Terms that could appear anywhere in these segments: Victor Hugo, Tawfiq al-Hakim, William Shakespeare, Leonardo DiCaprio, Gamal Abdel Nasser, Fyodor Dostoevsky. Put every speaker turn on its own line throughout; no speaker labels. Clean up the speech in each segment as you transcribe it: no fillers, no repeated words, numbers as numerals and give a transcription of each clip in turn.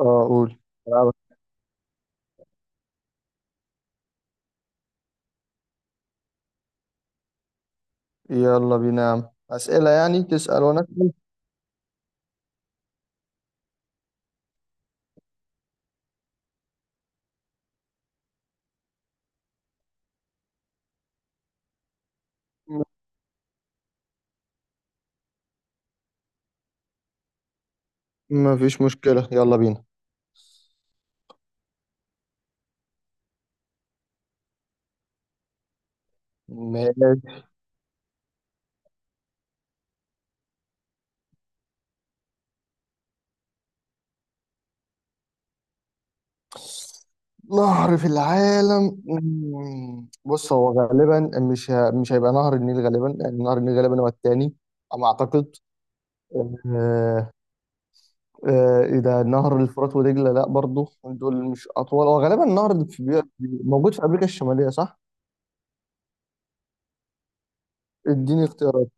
اه، قول. ألعبك. يلا بينا يا عم، أسئلة يعني، تسأل وأنا أسأل. م- مفيش مشكلة، يلا بينا. ماشي. نهر في العالم؟ بص، هو غالبا مش هيبقى نهر النيل، غالبا لأن نهر النيل غالبا هو التاني على ما أعتقد. آه... إيه ده، نهر الفرات ودجلة؟ لا، برضو دول مش أطول. هو غالبا النهر موجود في أمريكا الشمالية، صح؟ اديني اختيارات.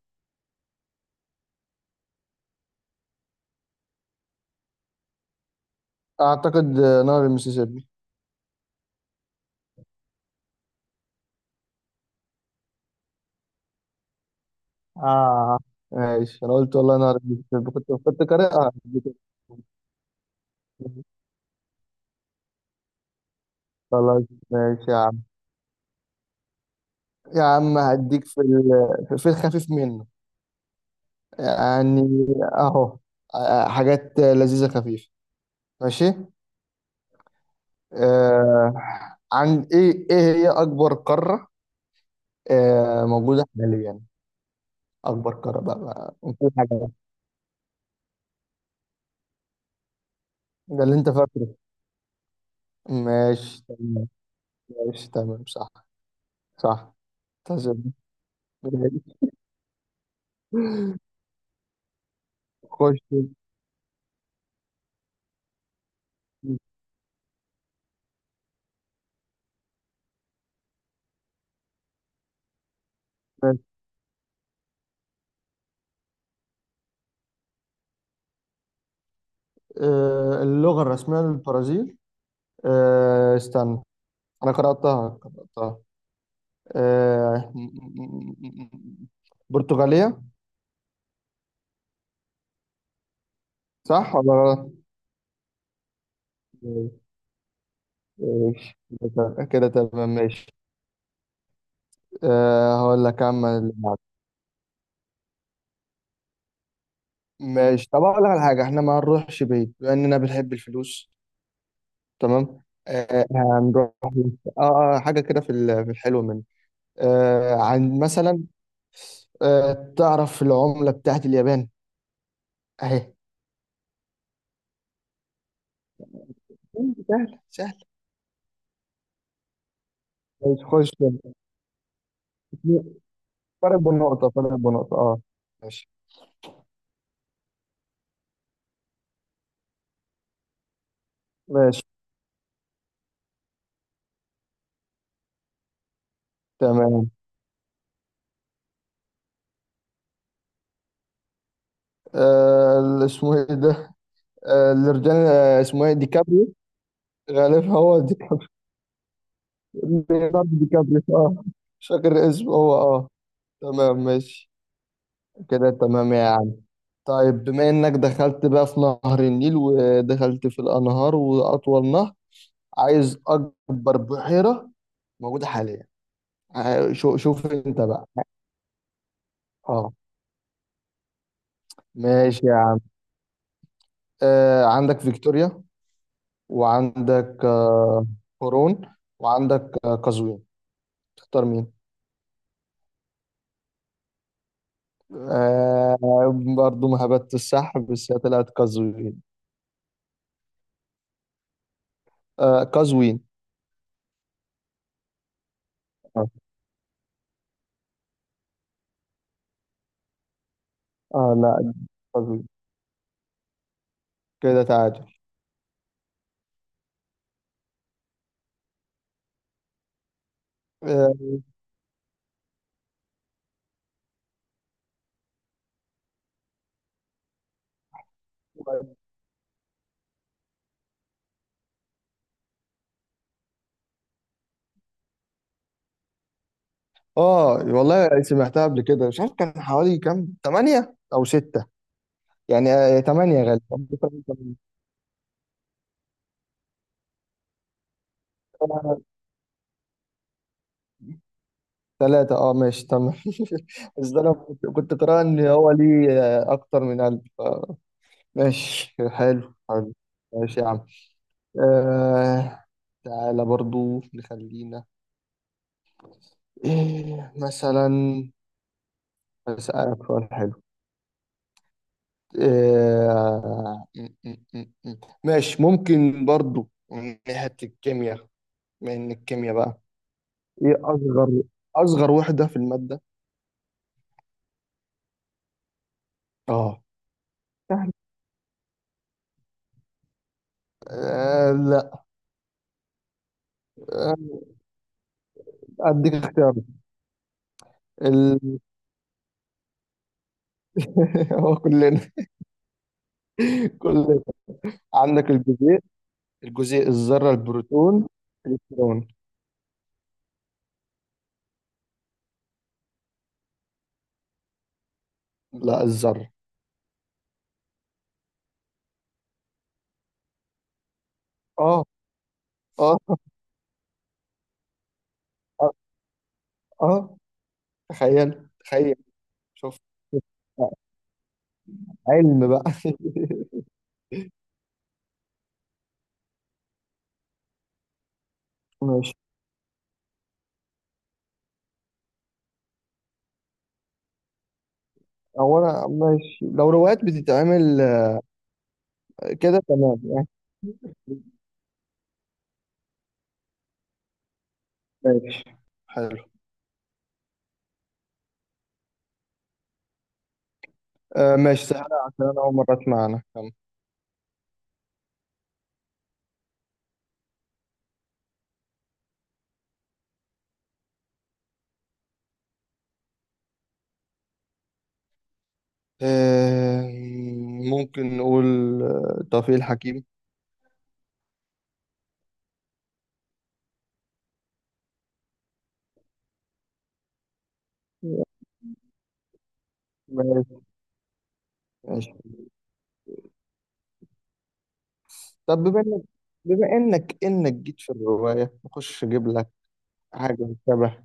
أعتقد نهر المسيسيبي. اه، ماشي. انا قلت والله انا عربي. كنت قارئها. خلاص. ماشي يا عم. يا عم، هديك في الخفيف منه يعني، اهو. حاجات لذيذة خفيفة. ماشي. آه، عن ايه هي اكبر قارة آه موجودة حاليا؟ اكبر قارة بقى بقى. مفيش حاجة بقى. ده اللي انت فاكره. ماشي تمام. ماشي تمام، صح. صح. تمام. خش. اللغة الرسمية للبرازيل؟ استنى، أنا قرأتها. آه، م- م- م- م- برتغالية. صح ولا غلط؟ ماشي كده، كده تمام. ماشي. أه، هقول لك أما اللي بعده. ماشي. طب أقول لك على حاجة، إحنا ما هنروحش بعيد بما إننا بنحب الفلوس. تمام. أه، هنروح. أه، حاجة كده في الحلو منه. أه، عن مثلا. أه، تعرف العملة بتاعت اليابان؟ أهي. سهل سهل. ماشي، خش انت. فرق بنقطة، فرق بنقطة، اه. ماشي. ماشي تمام. آه، اللي اسمه ايه ده؟ آه، الرجال اسمه ايه؟ ديكابريو، غالبا هو ديكابريو. ليوناردو ديكابريو، اه. مش فاكر اسمه هو، اه. تمام ماشي. كده تمام يا عم. طيب، بما انك دخلت بقى في نهر النيل ودخلت في الانهار واطول نهر، عايز اكبر بحيرة موجودة حاليا. شوف انت بقى. اه، ماشي يا عم. آه، عندك فيكتوريا، وعندك هورون، وعندك قزوين. تختار مين؟ آه، برضو ما هبت السحب، بس هي طلعت قزوين. آه، قزوين، آه. اه، لا، قزوين. كده تعادل. اه. والله سمعتها قبل كده، مش عارف كان حوالي كام، تمانية او ستة يعني. آه، تمانية غالبا. ثلاثة، اه، ماشي تمام. بس ده انا كنت قارئ ان هو ليه اكتر من قلب، آه. ماشي. حلو حلو. ماشي يا عم. آه، تعالى برضو نخلينا. إيه مثلا، أسألك سؤال حلو. آه م- م- م- م. ماشي. ممكن برضو من ناحية الكيمياء، من الكيمياء بقى. إيه أصغر وحدة في المادة؟ آه، سهل. آه، لا. آه، أديك اختيار. ال... هو كلنا. كلنا. عندك الجزيء الذرة، البروتون، الإلكترون. لا، الذرة. آه آه آه آه. تخيل تخيل. شوف. علم بقى. ماشي، هو انا ماشي لو روايات بتتعمل. كده تمام يعني. ماشي حلو. آه، ماشي سهلة عشان انا اول مرة اسمع عنها، كم؟ آه، ممكن نقول توفيق الحكيم. ماشي. ماشي طب، بما انك جيت في الرواية، نخش اجيب لك حاجة شبه،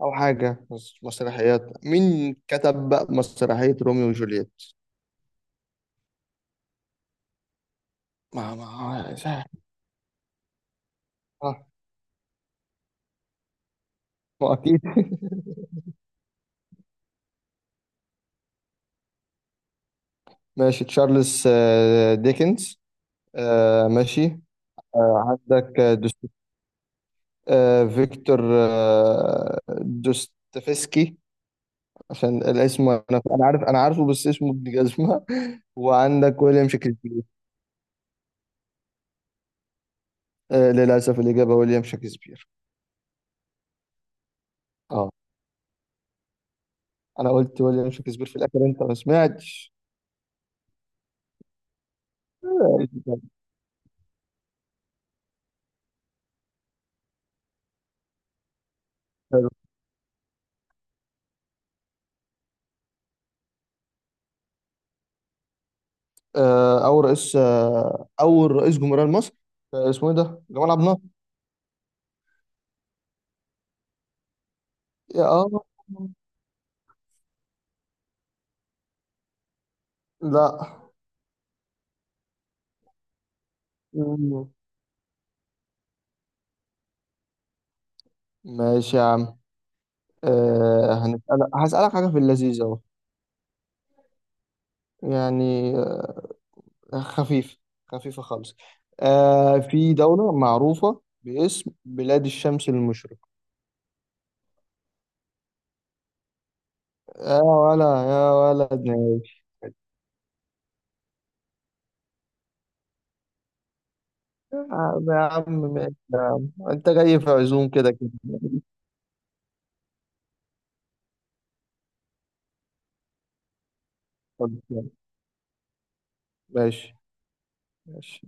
او حاجة مسرحيات. مين كتب بقى مسرحية روميو وجولييت؟ ما ما ما أكيد. ماشي. تشارلز ديكنز. ماشي. عندك آه، دوست... آه، فيكتور. دوستويفسكي عشان الاسم. انا عارف، انا عارفه، بس اسمه ابن جزمه. وعندك ويليام شكسبير. للاسف الاجابه ويليام شكسبير. اه، انا قلت ويليام شكسبير في الاخر، انت ما سمعتش. آه، حلو. آه، او رئيس آه، اول رئيس جمهوريه مصر، اسمه ايه ده؟ جمال عبد الناصر. اه. لا. مم. ماشي يا عم. أه، هسألك حاجة في اللذيذ أهو، يعني. خفيفة. خفيفة خالص. أه، في دولة معروفة باسم بلاد الشمس المشرقة؟ يا ولد، ماشي. يا عم، يا عم، ماشي يا عم. أنت جاي في عزوم كده كده. ماشي ماشي.